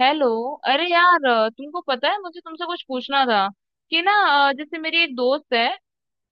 Hello. अरे यार, तुमको पता है, मुझे तुमसे कुछ पूछना था कि ना। जैसे मेरी एक दोस्त है।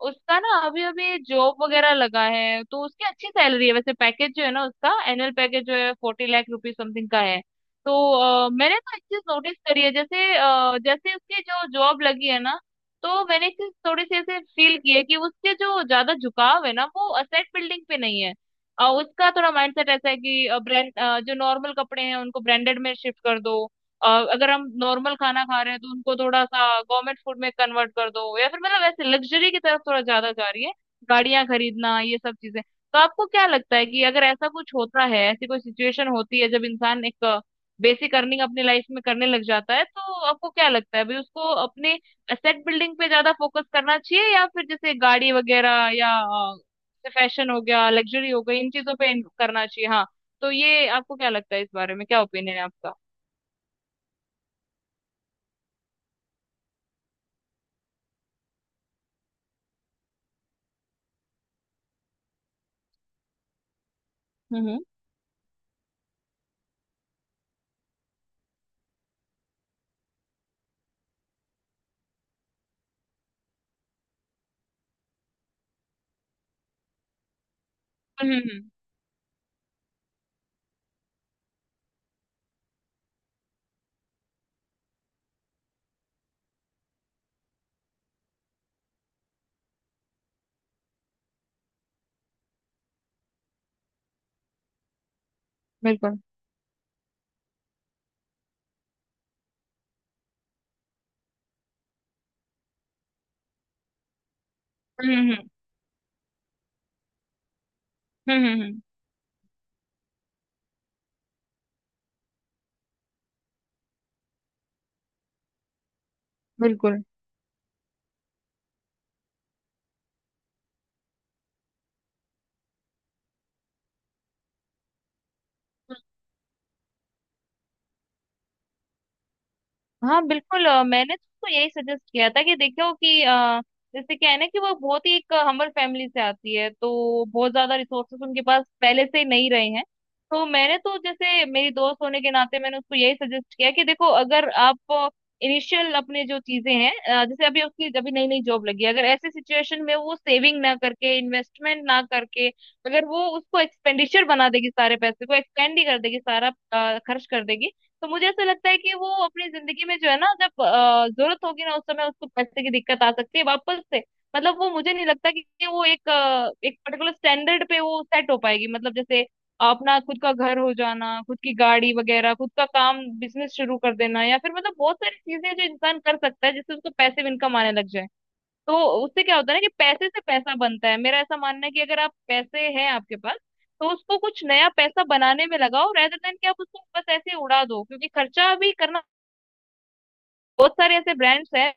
उसका ना अभी अभी जॉब वगैरह लगा है, तो उसकी अच्छी सैलरी है। वैसे पैकेज जो है ना, उसका एनुअल पैकेज जो है 40 लाख रुपीज समथिंग का है। तो मैंने तो एक चीज नोटिस करी है, जैसे जैसे उसकी जो जॉब लगी है ना, तो मैंने एक चीज थोड़ी सी ऐसे फील की है कि उसके जो ज्यादा झुकाव है ना, वो असेट बिल्डिंग पे नहीं है। उसका थोड़ा माइंडसेट ऐसा है कि ब्रांड, जो नॉर्मल कपड़े हैं उनको ब्रांडेड में शिफ्ट कर दो। अ, अगर हम नॉर्मल खाना खा रहे हैं तो उनको थोड़ा सा गवर्नमेंट फूड में कन्वर्ट कर दो, या फिर मतलब ऐसे लग्जरी की तरफ थोड़ा ज्यादा जा रही है। गाड़ियां खरीदना, ये सब चीजें। तो आपको क्या लगता है कि अगर ऐसा कुछ होता है, ऐसी कोई सिचुएशन होती है जब इंसान एक बेसिक अर्निंग अपनी लाइफ में करने लग जाता है, तो आपको क्या लगता है भाई, उसको अपने एसेट बिल्डिंग पे ज्यादा फोकस करना चाहिए या फिर जैसे गाड़ी वगैरह, या फैशन हो गया, लग्जरी हो गई, इन चीजों पे करना चाहिए? हाँ। तो ये आपको क्या लगता है, इस बारे में क्या ओपिनियन है आपका? हम्म। हम्म। हम्म। बिल्कुल। हम्म। हम्म। हम्म। बिल्कुल। हाँ बिल्कुल, मैंने तो उसको यही सजेस्ट किया था कि देखो, कि जैसे क्या है ना, कि वो बहुत ही एक हम्बल फैमिली से आती है, तो बहुत ज्यादा रिसोर्सेस उनके पास पहले से ही नहीं रहे हैं। तो मैंने तो, जैसे मेरी दोस्त होने के नाते, मैंने उसको यही सजेस्ट किया कि देखो, अगर आप इनिशियल अपने जो चीजें हैं, जैसे अभी उसकी अभी नई नई जॉब लगी है, अगर ऐसे सिचुएशन में वो सेविंग ना करके, इन्वेस्टमेंट ना करके, अगर वो उसको एक्सपेंडिचर बना देगी, सारे पैसे को एक्सपेंड ही कर देगी, सारा खर्च कर देगी, तो मुझे ऐसा लगता है कि वो अपनी जिंदगी में जो है ना, जब जरूरत होगी ना, उस समय उसको पैसे की दिक्कत आ सकती है वापस से। मतलब वो मुझे नहीं लगता कि वो एक पर्टिकुलर स्टैंडर्ड पे वो सेट हो पाएगी, मतलब जैसे अपना खुद का घर हो जाना, खुद की गाड़ी वगैरह, खुद का काम, बिजनेस शुरू कर देना, या फिर मतलब बहुत सारी चीजें जो इंसान कर सकता है, जिससे उसको पैसिव इनकम आने लग जाए। तो उससे क्या होता है ना, कि पैसे से पैसा बनता है। मेरा ऐसा मानना है कि अगर आप पैसे हैं आपके पास, तो उसको कुछ नया पैसा बनाने में लगाओ, रेदर देन कि आप उसको बस ऐसे ही उड़ा दो, क्योंकि खर्चा भी करना। बहुत सारे ऐसे ब्रांड्स हैं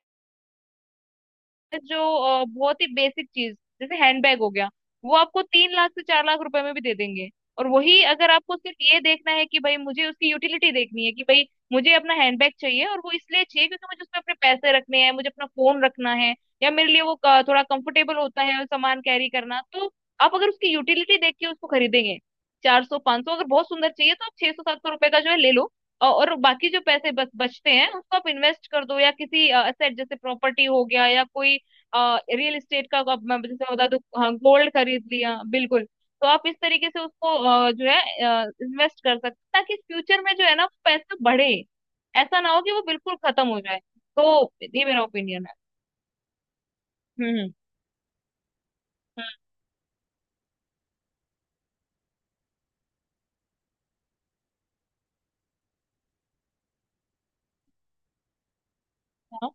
जो बहुत ही बेसिक चीज, जैसे हैंडबैग हो गया, वो आपको 3 लाख से 4 लाख रुपए में भी दे देंगे। और वही, अगर आपको सिर्फ ये देखना है कि भाई मुझे उसकी यूटिलिटी देखनी है, कि भाई मुझे अपना हैंडबैग चाहिए, और वो इसलिए चाहिए क्योंकि मुझे उसमें अपने पैसे रखने हैं, मुझे अपना फोन रखना है, या मेरे लिए वो थोड़ा कंफर्टेबल होता है और सामान कैरी करना, तो आप अगर उसकी यूटिलिटी देख के उसको खरीदेंगे, 400 500, अगर बहुत सुंदर चाहिए तो आप 600 700 रुपए का जो है ले लो। और बाकी जो पैसे बच बचते हैं उसको आप इन्वेस्ट कर दो, या किसी असेट, जैसे प्रॉपर्टी हो गया या कोई रियल एस्टेट का, मैं जैसे बता दूं, हाँ, गोल्ड खरीद लिया, बिल्कुल। तो आप इस तरीके से उसको जो है इन्वेस्ट कर सकते हैं, ताकि फ्यूचर में जो है ना, वो पैसे बढ़े, ऐसा ना हो कि वो बिल्कुल खत्म हो जाए। तो ये मेरा ओपिनियन है। हम्म। हम्म। हाँ,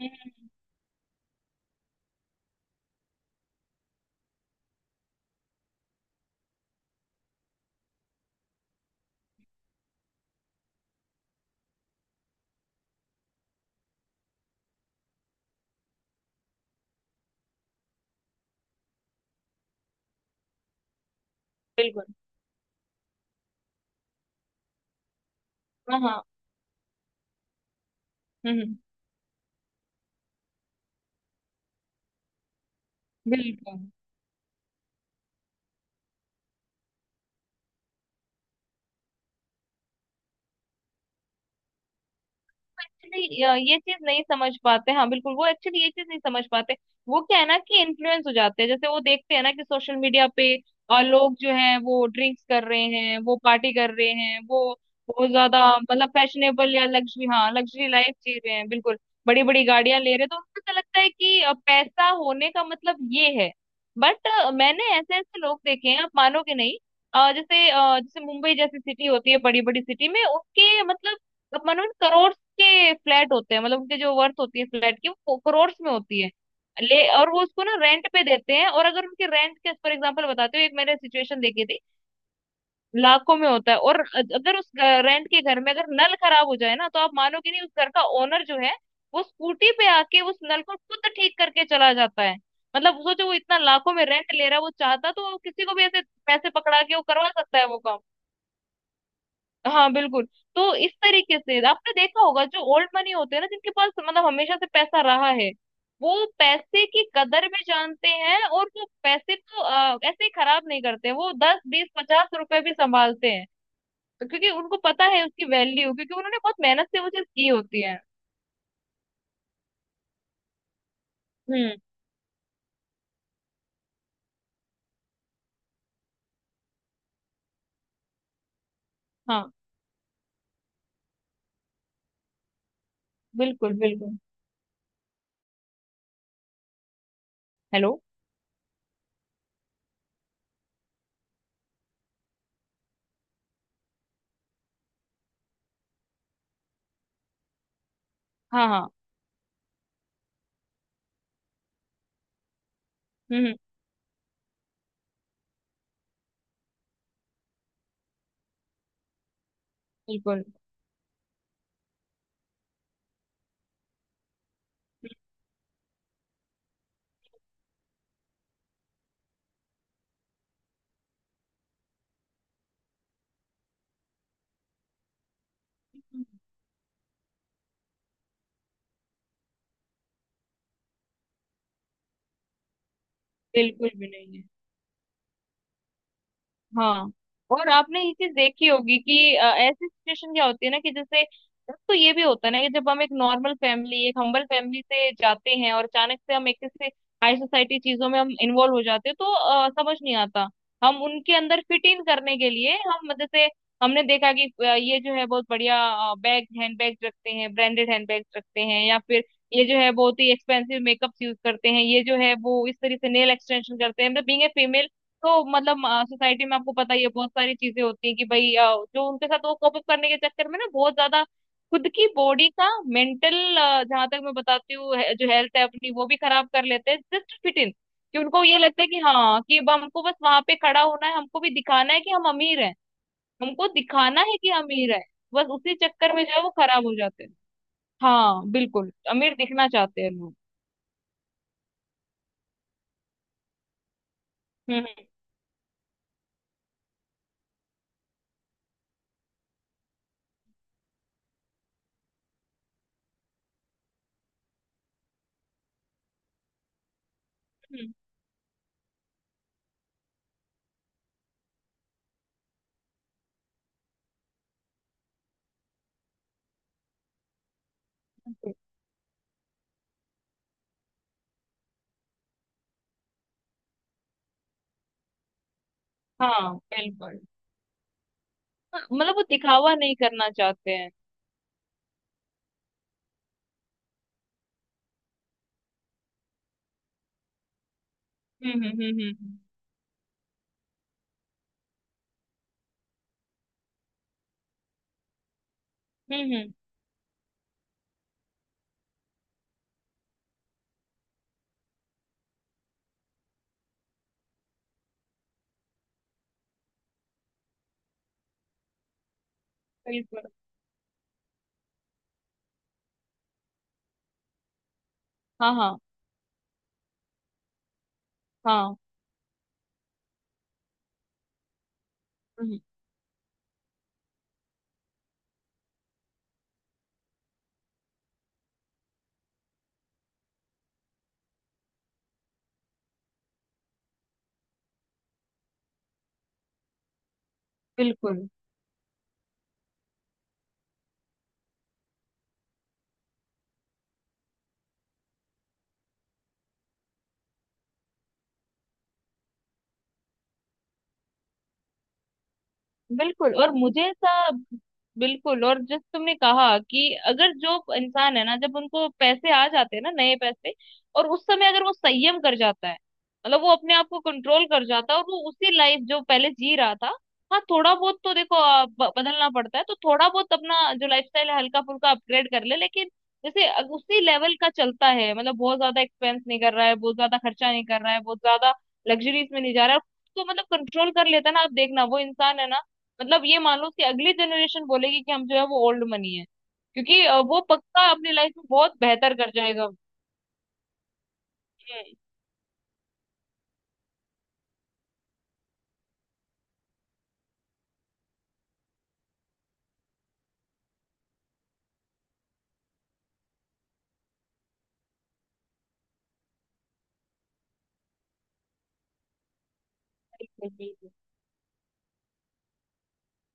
हम्म, बिल्कुल। हाँ। हाँ। हम्म। बिल्कुल। एक्चुअली ये चीज नहीं समझ पाते। हाँ बिल्कुल, वो एक्चुअली ये चीज नहीं समझ पाते। वो क्या है ना, कि इन्फ्लुएंस हो जाते हैं, जैसे वो देखते हैं ना कि सोशल मीडिया पे लोग जो हैं वो ड्रिंक्स कर रहे हैं, वो पार्टी कर रहे हैं, वो बहुत ज्यादा मतलब फैशनेबल या लग्जरी, हाँ लग्जरी लाइफ जी रहे हैं, बिल्कुल। बड़ी बड़ी गाड़ियां ले रहे हैं। तो उनको ऐसा लगता है कि पैसा होने का मतलब ये है। बट मैंने ऐसे ऐसे लोग देखे हैं, आप मानोगे नहीं। जैसे जैसे मुंबई जैसी सिटी होती है, बड़ी बड़ी सिटी में उसके मतलब, अब मानो करोड़ के फ्लैट होते हैं, मतलब उनके जो वर्थ होती है फ्लैट की, वो करोड़ में होती है। ले, और वो उसको ना रेंट पे देते हैं, और अगर उनके रेंट के, फॉर एग्जांपल बताते हो, एक मैंने सिचुएशन देखी थी। लाखों में होता है। और अगर उस रेंट के घर में अगर नल खराब हो जाए ना, तो आप मानोगे नहीं, उस घर का ओनर जो है, वो स्कूटी पे आके उस नल को खुद ठीक करके चला जाता है। मतलब सोचो, वो इतना लाखों में रेंट ले रहा है, वो चाहता तो वो किसी को भी ऐसे पैसे पकड़ा के वो करवा सकता है वो काम। हाँ बिल्कुल। तो इस तरीके से आपने देखा होगा, जो ओल्ड मनी होते हैं ना, जिनके पास मतलब हमेशा से पैसा रहा है, वो पैसे की कदर भी जानते हैं, और वो पैसे को ऐसे ही खराब नहीं करते, वो 10 20 50 रुपए भी संभालते हैं। तो क्योंकि उनको पता है उसकी वैल्यू, क्योंकि उन्होंने बहुत मेहनत से वो चीज की होती है। हम्म। हाँ बिल्कुल बिल्कुल। हेलो। हाँ। हाँ। हम्म। बिल्कुल। हम्म, बिल्कुल भी नहीं है। हाँ। और आपने ये चीज देखी होगी कि ऐसी सिचुएशन क्या होती है ना, कि जैसे, एक तो ये भी होता है ना कि जब हम एक नॉर्मल फैमिली, एक हम्बल फैमिली से जाते हैं, और अचानक से हम एक ऐसे हाई सोसाइटी चीजों में हम इन्वॉल्व हो जाते हैं, तो समझ नहीं आता। हम उनके अंदर फिट इन करने के लिए, हम जैसे, हमने देखा कि ये जो है बहुत बढ़िया बैग, हैंड बैग रखते हैं, ब्रांडेड हैंड बैग रखते हैं, या फिर ये जो है बहुत ही एक्सपेंसिव मेकअप्स यूज करते हैं, ये जो है वो इस तरीके से नेल एक्सटेंशन करते हैं, मतलब बीइंग ए फीमेल, तो मतलब सोसाइटी में आपको पता ही है, बहुत सारी चीजें होती हैं कि भाई जो उनके साथ वो कोप अप करने के चक्कर में ना, बहुत ज्यादा खुद की बॉडी का, मेंटल, जहां तक मैं बताती हूँ, जो हेल्थ है अपनी, वो भी खराब कर लेते हैं जस्ट फिट इन, कि उनको ये लगता है कि हाँ, कि अब हमको बस वहां पे खड़ा होना है, हमको भी दिखाना है कि हम अमीर हैं, हमको दिखाना है कि अमीर है। बस उसी चक्कर में जो है वो खराब हो जाते हैं। हाँ बिल्कुल, अमीर दिखना चाहते हैं लोग। हम्म। हम्म, हम्म, हाँ बिल्कुल। हाँ, मतलब वो दिखावा नहीं करना चाहते हैं। हम्म। हम्म। हम्म। हम्म। बिल्कुल। हाँ। हाँ। हाँ। हम्म, बिल्कुल बिल्कुल। और मुझे ऐसा। बिल्कुल, और जिस तुमने कहा कि अगर जो इंसान है ना, जब उनको पैसे आ जाते हैं ना, नए पैसे, और उस समय अगर वो संयम कर जाता है, मतलब वो अपने आप को कंट्रोल कर जाता है, और वो उसी लाइफ जो पहले जी रहा था, हाँ थोड़ा बहुत तो देखो बदलना पड़ता है, तो थोड़ा बहुत अपना जो लाइफस्टाइल है हल्का फुल्का अपग्रेड कर ले, लेकिन जैसे उसी लेवल का चलता है, मतलब बहुत ज्यादा एक्सपेंस नहीं कर रहा है, बहुत ज्यादा खर्चा नहीं कर रहा है, बहुत ज्यादा लग्जरीज में नहीं जा रहा है। तो मतलब कंट्रोल कर लेता है ना, आप देखना वो इंसान है ना, मतलब ये मान लो कि अगली जनरेशन बोलेगी कि हम जो है वो ओल्ड मनी है, क्योंकि वो पक्का अपनी लाइफ में बहुत बेहतर कर जाएगा। हम्म, बिल्कुल बिल्कुल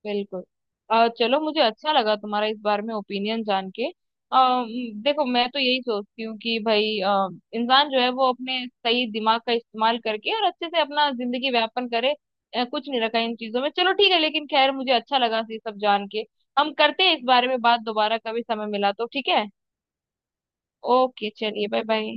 बिल्कुल। चलो, मुझे अच्छा लगा तुम्हारा इस बारे में ओपिनियन जान के। आ, देखो, मैं तो यही सोचती हूँ कि भाई इंसान जो है, वो अपने सही दिमाग का इस्तेमाल करके और अच्छे से अपना जिंदगी व्यापन करे। कुछ नहीं रखा इन चीजों में, चलो ठीक है, लेकिन खैर मुझे अच्छा लगा ये सब जान के। हम करते हैं इस बारे में बात दोबारा कभी समय मिला तो, ठीक है। ओके चलिए, बाय बाय।